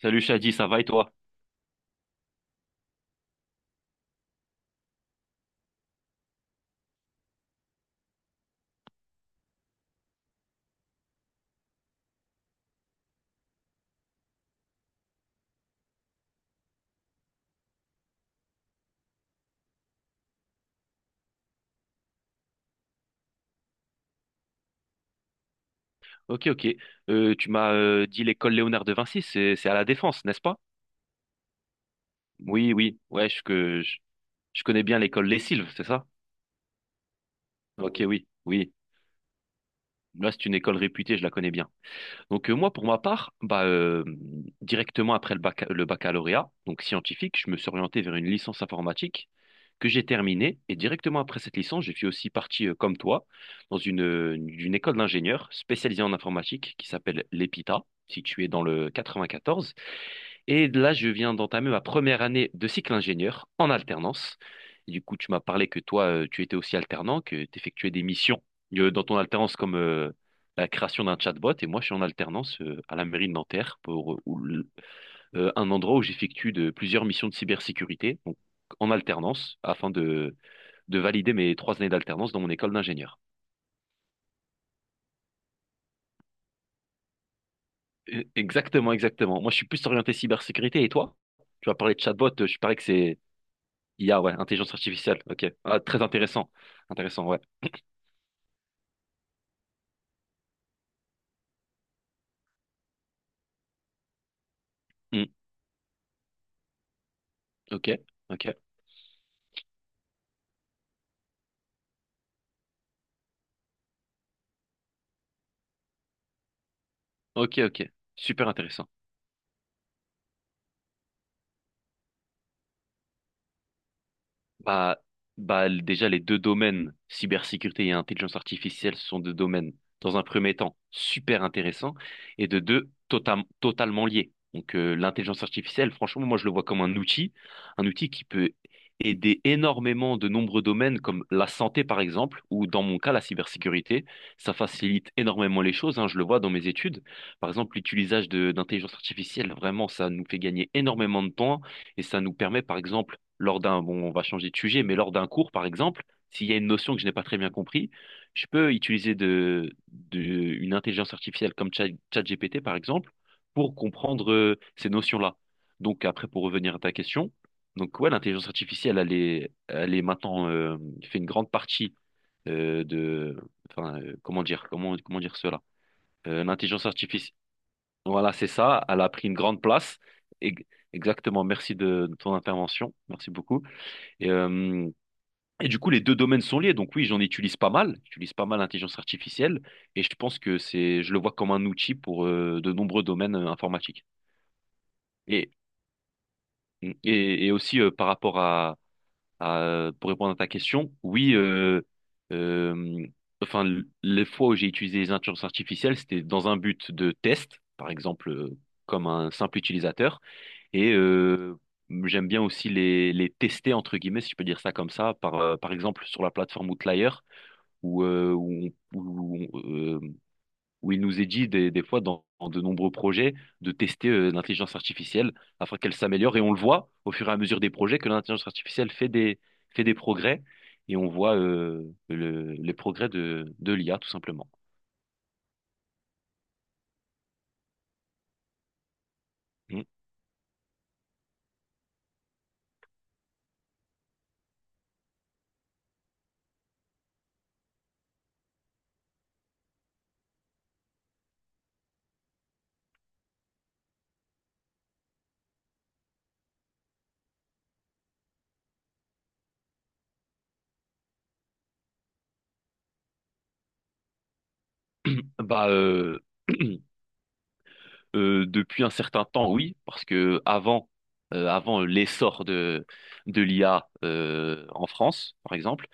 Salut Shadi, ça va et toi? Ok, ok. Tu m'as dit l'école Léonard de Vinci, c'est à la Défense, n'est-ce pas? Oui, oui. Ouais, je connais bien l'école Les Silves, c'est ça? Ok, oui, oui. Là, c'est une école réputée, je la connais bien. Donc moi, pour ma part, directement après le baccalauréat, donc scientifique, je me suis orienté vers une licence informatique que j'ai terminée. Et directement après cette licence, je suis aussi parti, comme toi, dans une école d'ingénieurs spécialisée en informatique qui s'appelle l'EPITA, située dans le 94. Et là, je viens d'entamer ma première année de cycle ingénieur en alternance. Et du coup, tu m'as parlé que toi, tu étais aussi alternant, que tu effectuais des missions dans ton alternance comme la création d'un chatbot. Et moi, je suis en alternance à la mairie de Nanterre pour un endroit où j'effectue de plusieurs missions de cybersécurité, donc en alternance, de valider mes 3 années d'alternance dans mon école d'ingénieur. Exactement, exactement. Moi, je suis plus orienté cybersécurité. Et toi? Tu vas parler de chatbot, je parie que c'est I a, ouais, intelligence artificielle, ok. Ah, très intéressant. Intéressant, ouais. Hmm. Ok, ok, ok, ok. Super intéressant. Bah, déjà, les deux domaines, cybersécurité et intelligence artificielle, ce sont deux domaines, dans un premier temps, super intéressants, et de deux, totalement liés. Donc, l'intelligence artificielle, franchement, moi, je le vois comme un outil qui peut aider énormément de nombreux domaines, comme la santé, par exemple, ou dans mon cas, la cybersécurité. Ça facilite énormément les choses, hein, je le vois dans mes études. Par exemple, l'utilisation de d'intelligence artificielle, vraiment, ça nous fait gagner énormément de temps, et ça nous permet, par exemple, lors d'un, bon, on va changer de sujet, mais lors d'un cours, par exemple, s'il y a une notion que je n'ai pas très bien compris, je peux utiliser une intelligence artificielle comme ChatGPT, par exemple, pour comprendre ces notions-là. Donc après, pour revenir à ta question, donc ouais, l'intelligence artificielle, elle est maintenant, fait une grande partie euh, de, enfin, comment dire, comment dire cela? L'intelligence artificielle, voilà, c'est ça, elle a pris une grande place. Ex- Exactement, merci de ton intervention, merci beaucoup. Et, euh, et du coup, les deux domaines sont liés. Donc oui, j'en utilise pas mal. J'utilise pas mal l'intelligence artificielle et je pense que c'est, je le vois comme un outil pour de nombreux domaines informatiques. Et mmh, et aussi par rapport à, pour répondre à ta question, oui, euh, enfin les fois où j'ai utilisé les intelligences artificielles, c'était dans un but de test, par exemple, comme un simple utilisateur. Et j'aime bien aussi les tester, entre guillemets, si je peux dire ça comme ça, par exemple sur la plateforme Outlier, où, euh, où, on- où, on- euh, où il nous est dit des fois dans de nombreux projets de tester l'intelligence artificielle afin qu'elle s'améliore. Et on le voit au fur et à mesure des projets que l'intelligence artificielle fait des progrès. Et on voit les progrès de l'IA, tout simplement. Mm. Bah, euh, depuis un certain temps, oui, parce que avant, avant l'essor de l'IA en France, par exemple,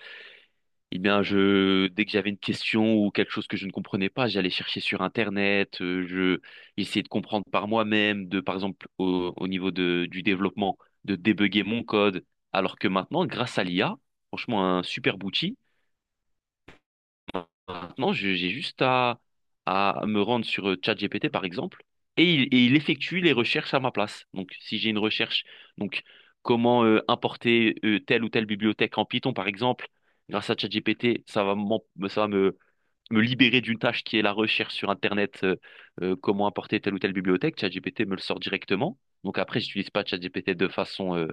eh bien, je, dès que j'avais une question ou quelque chose que je ne comprenais pas, j'allais chercher sur Internet, je j'essayais de comprendre par moi-même, par exemple, au niveau du développement, de débugger mon code, alors que maintenant, grâce à l'IA, franchement, un super outil. Maintenant, j'ai juste à me rendre sur ChatGPT, par exemple, et il effectue les recherches à ma place. Donc, si j'ai une recherche, donc comment importer telle ou telle bibliothèque en Python, par exemple, grâce à ChatGPT, ça va me, me libérer d'une tâche qui est la recherche sur Internet, comment importer telle ou telle bibliothèque. ChatGPT me le sort directement. Donc après, j'utilise pas ChatGPT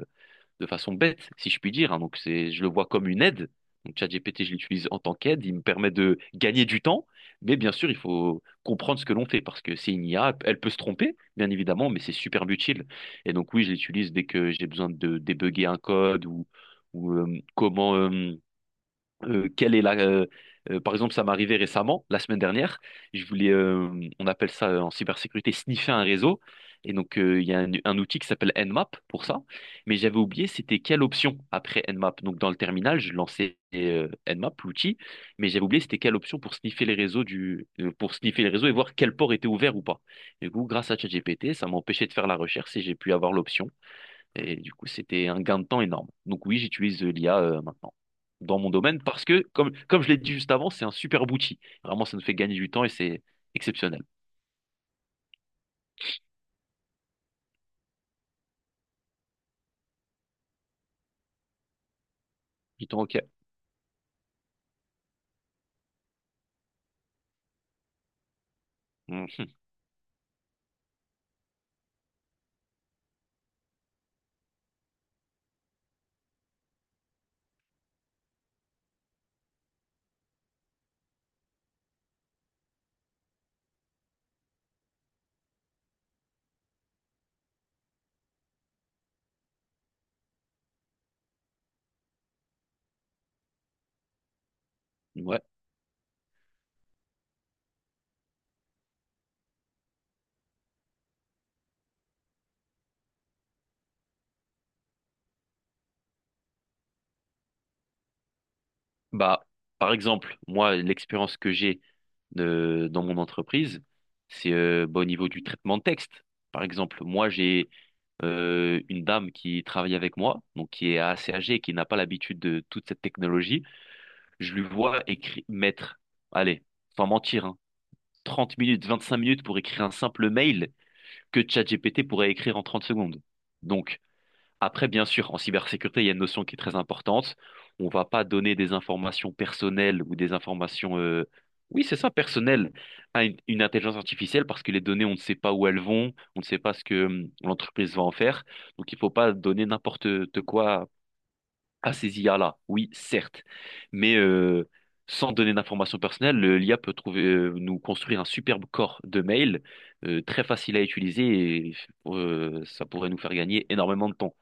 de façon bête, si je puis dire, hein. Donc c'est, je le vois comme une aide. Donc ChatGPT, je l'utilise en tant qu'aide. Il me permet de gagner du temps, mais bien sûr, il faut comprendre ce que l'on fait parce que c'est une IA. Elle peut se tromper, bien évidemment, mais c'est super utile. Et donc oui, je l'utilise dès que j'ai besoin de débugger un code ou comment. Quelle est la, par exemple, ça m'est arrivé récemment, la semaine dernière. Je voulais, on appelle ça en cybersécurité, sniffer un réseau. Et donc, il y a un outil qui s'appelle Nmap pour ça. Mais j'avais oublié, c'était quelle option après Nmap. Donc, dans le terminal, je lançais Nmap, l'outil, mais j'avais oublié, c'était quelle option pour sniffer les réseaux pour sniffer les réseaux et voir quel port était ouvert ou pas. Du coup, grâce à ChatGPT, ça m'a empêché de faire la recherche et j'ai pu avoir l'option et du coup, c'était un gain de temps énorme. Donc oui, j'utilise l'IA maintenant dans mon domaine parce que, comme je l'ai dit juste avant, c'est un super outil. Vraiment, ça nous fait gagner du temps et c'est exceptionnel. Du temps, ok. Mhm. Ouais. Bah, par exemple, moi, l'expérience que j'ai dans mon entreprise, c'est au niveau du traitement de texte. Par exemple, moi, j'ai une dame qui travaille avec moi, donc qui est assez âgée et qui n'a pas l'habitude de toute cette technologie. Je lui vois mettre, allez, sans mentir, hein, 30 minutes, 25 minutes pour écrire un simple mail que ChatGPT pourrait écrire en 30 secondes. Donc, après, bien sûr, en cybersécurité, il y a une notion qui est très importante. On ne va pas donner des informations personnelles ou des informations, oui, c'est ça, personnelles à une intelligence artificielle parce que les données, on ne sait pas où elles vont, on ne sait pas ce que l'entreprise va en faire. Donc, il ne faut pas donner n'importe quoi à ces IA-là. Oui, certes, mais sans donner d'informations personnelles, l'IA peut trouver, nous construire un superbe corps de mail très facile à utiliser et ça pourrait nous faire gagner énormément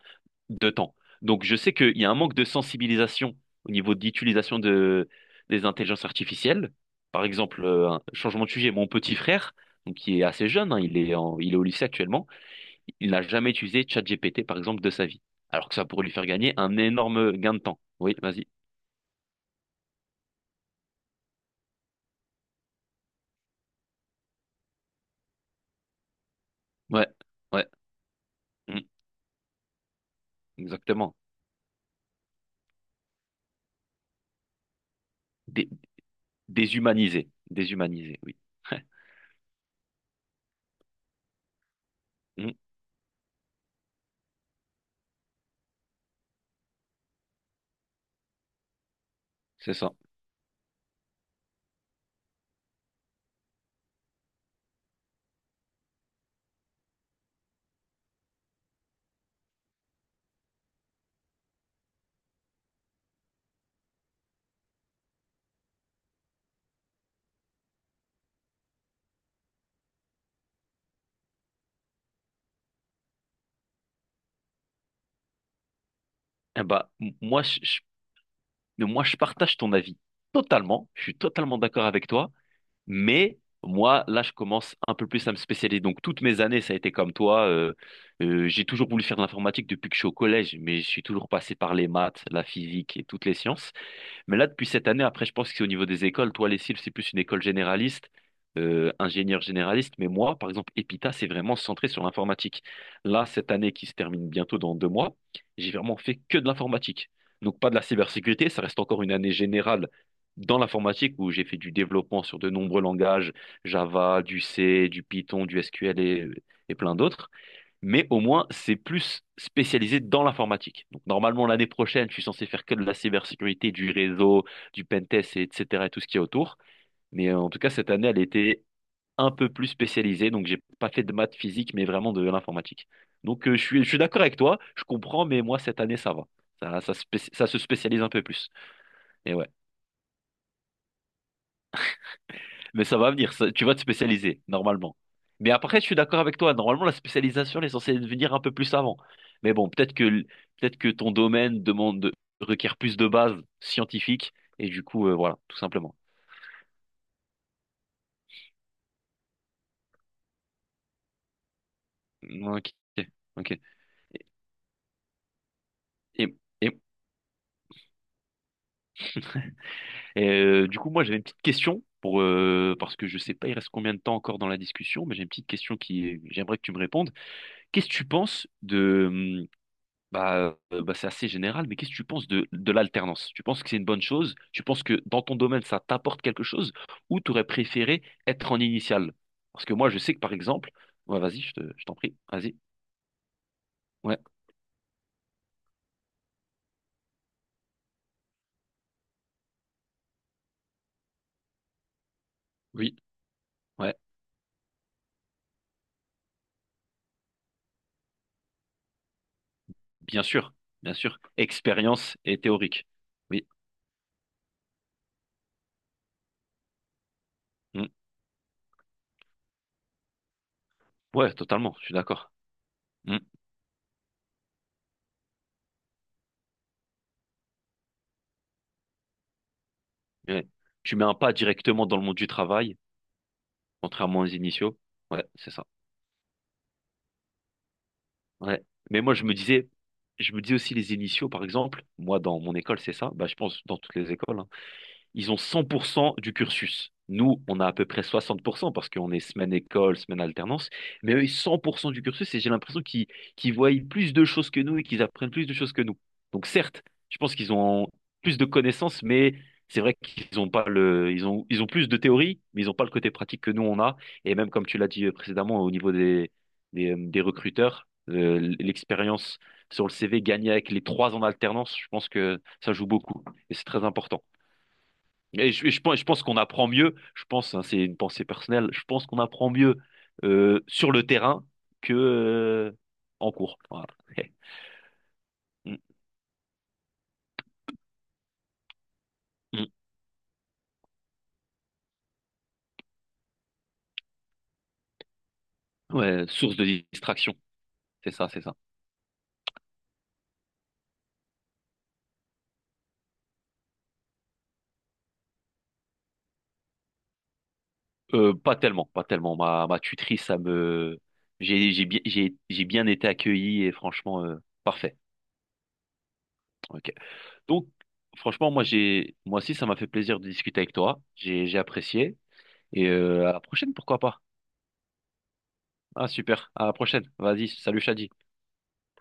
de temps. Donc je sais qu'il y a un manque de sensibilisation au niveau de l'utilisation des intelligences artificielles. Par exemple, un changement de sujet, mon petit frère, donc, qui est assez jeune, hein, il est il est au lycée actuellement, il n'a jamais utilisé ChatGPT, par exemple, de sa vie. Alors que ça pourrait lui faire gagner un énorme gain de temps. Oui, vas-y. Ouais, ouais, mm, exactement. Dé- déshumanisé. Déshumanisé, oui. Mm, c'est ça. Eh bah, moi, je partage ton avis totalement. Je suis totalement d'accord avec toi. Mais moi, là, je commence un peu plus à me spécialiser. Donc, toutes mes années, ça a été comme toi. J'ai toujours voulu faire de l'informatique depuis que je suis au collège, mais je suis toujours passé par les maths, la physique et toutes les sciences. Mais là, depuis cette année, après, je pense que c'est au niveau des écoles. Toi, les Cils, c'est plus une école généraliste, ingénieur généraliste. Mais moi, par exemple, Epita, c'est vraiment centré sur l'informatique. Là, cette année qui se termine bientôt dans 2 mois, j'ai vraiment fait que de l'informatique. Donc, pas de la cybersécurité. Ça reste encore une année générale dans l'informatique où j'ai fait du développement sur de nombreux langages, Java, du C, du Python, du SQL et plein d'autres, mais au moins, c'est plus spécialisé dans l'informatique. Donc, normalement, l'année prochaine, je suis censé faire que de la cybersécurité, du réseau, du pentest, et etc., et tout ce qu'il y a autour. Mais en tout cas, cette année, elle était un peu plus spécialisée. Donc, j'ai pas fait de maths physique, mais vraiment de l'informatique. Donc, je suis d'accord avec toi, je comprends, mais moi, cette année, ça va. Ça se spécialise un peu plus. Et ouais. Mais ça va venir, tu vas te spécialiser, normalement. Mais après, je suis d'accord avec toi, normalement, la spécialisation, elle est censée venir un peu plus avant. Mais bon, peut-être que ton domaine demande, requiert plus de bases scientifiques, et du coup, voilà, tout simplement. Ok, ok. Et, et, et, du coup, moi, j'avais une petite question, parce que je sais pas, il reste combien de temps encore dans la discussion, mais j'ai une petite question qui, j'aimerais que tu me répondes. Qu'est-ce que tu penses de bah, bah, c'est assez général, mais qu'est-ce que tu penses de l'alternance? Tu penses que c'est une bonne chose? Tu penses que dans ton domaine, ça t'apporte quelque chose? Ou tu aurais préféré être en initial? Parce que moi, je sais que par exemple, ouais, vas-y, je t'en prie, vas-y. Ouais, oui, ouais, bien sûr, bien sûr. Expérience et théorique. Oui, hmm. Ouais, totalement, je suis d'accord. Hmm. Ouais. Tu mets un pas directement dans le monde du travail, contrairement aux initiaux. Ouais, c'est ça. Ouais. Mais moi, je me disais, je me dis aussi les initiaux, par exemple, moi, dans mon école, c'est ça, bah, je pense dans toutes les écoles, hein, ils ont 100% du cursus. Nous, on a à peu près 60% parce qu'on est semaine école, semaine alternance, mais eux, ils ont 100% du cursus et j'ai l'impression qu'ils voient plus de choses que nous et qu'ils apprennent plus de choses que nous. Donc certes, je pense qu'ils ont plus de connaissances, mais c'est vrai qu'ils ont pas le, ils ont plus de théorie, mais ils n'ont pas le côté pratique que nous on a. Et même comme tu l'as dit précédemment, au niveau des recruteurs, l'expérience sur le CV gagnée avec les 3 ans d'alternance, je pense que ça joue beaucoup et c'est très important. Et je pense qu'on apprend mieux, je pense, hein, c'est une pensée personnelle, je pense qu'on apprend mieux sur le terrain que en cours. Voilà. Mm, mm. Ouais, source de distraction, c'est ça, c'est ça. Pas tellement, pas tellement. Ma tutrice, ça me... j'ai bien été accueilli et franchement, parfait. Ok. Donc, franchement, moi aussi, ça m'a fait plaisir de discuter avec toi. J'ai apprécié. Et à la prochaine, pourquoi pas. Ah, super. À la prochaine. Vas-y, salut Shadi.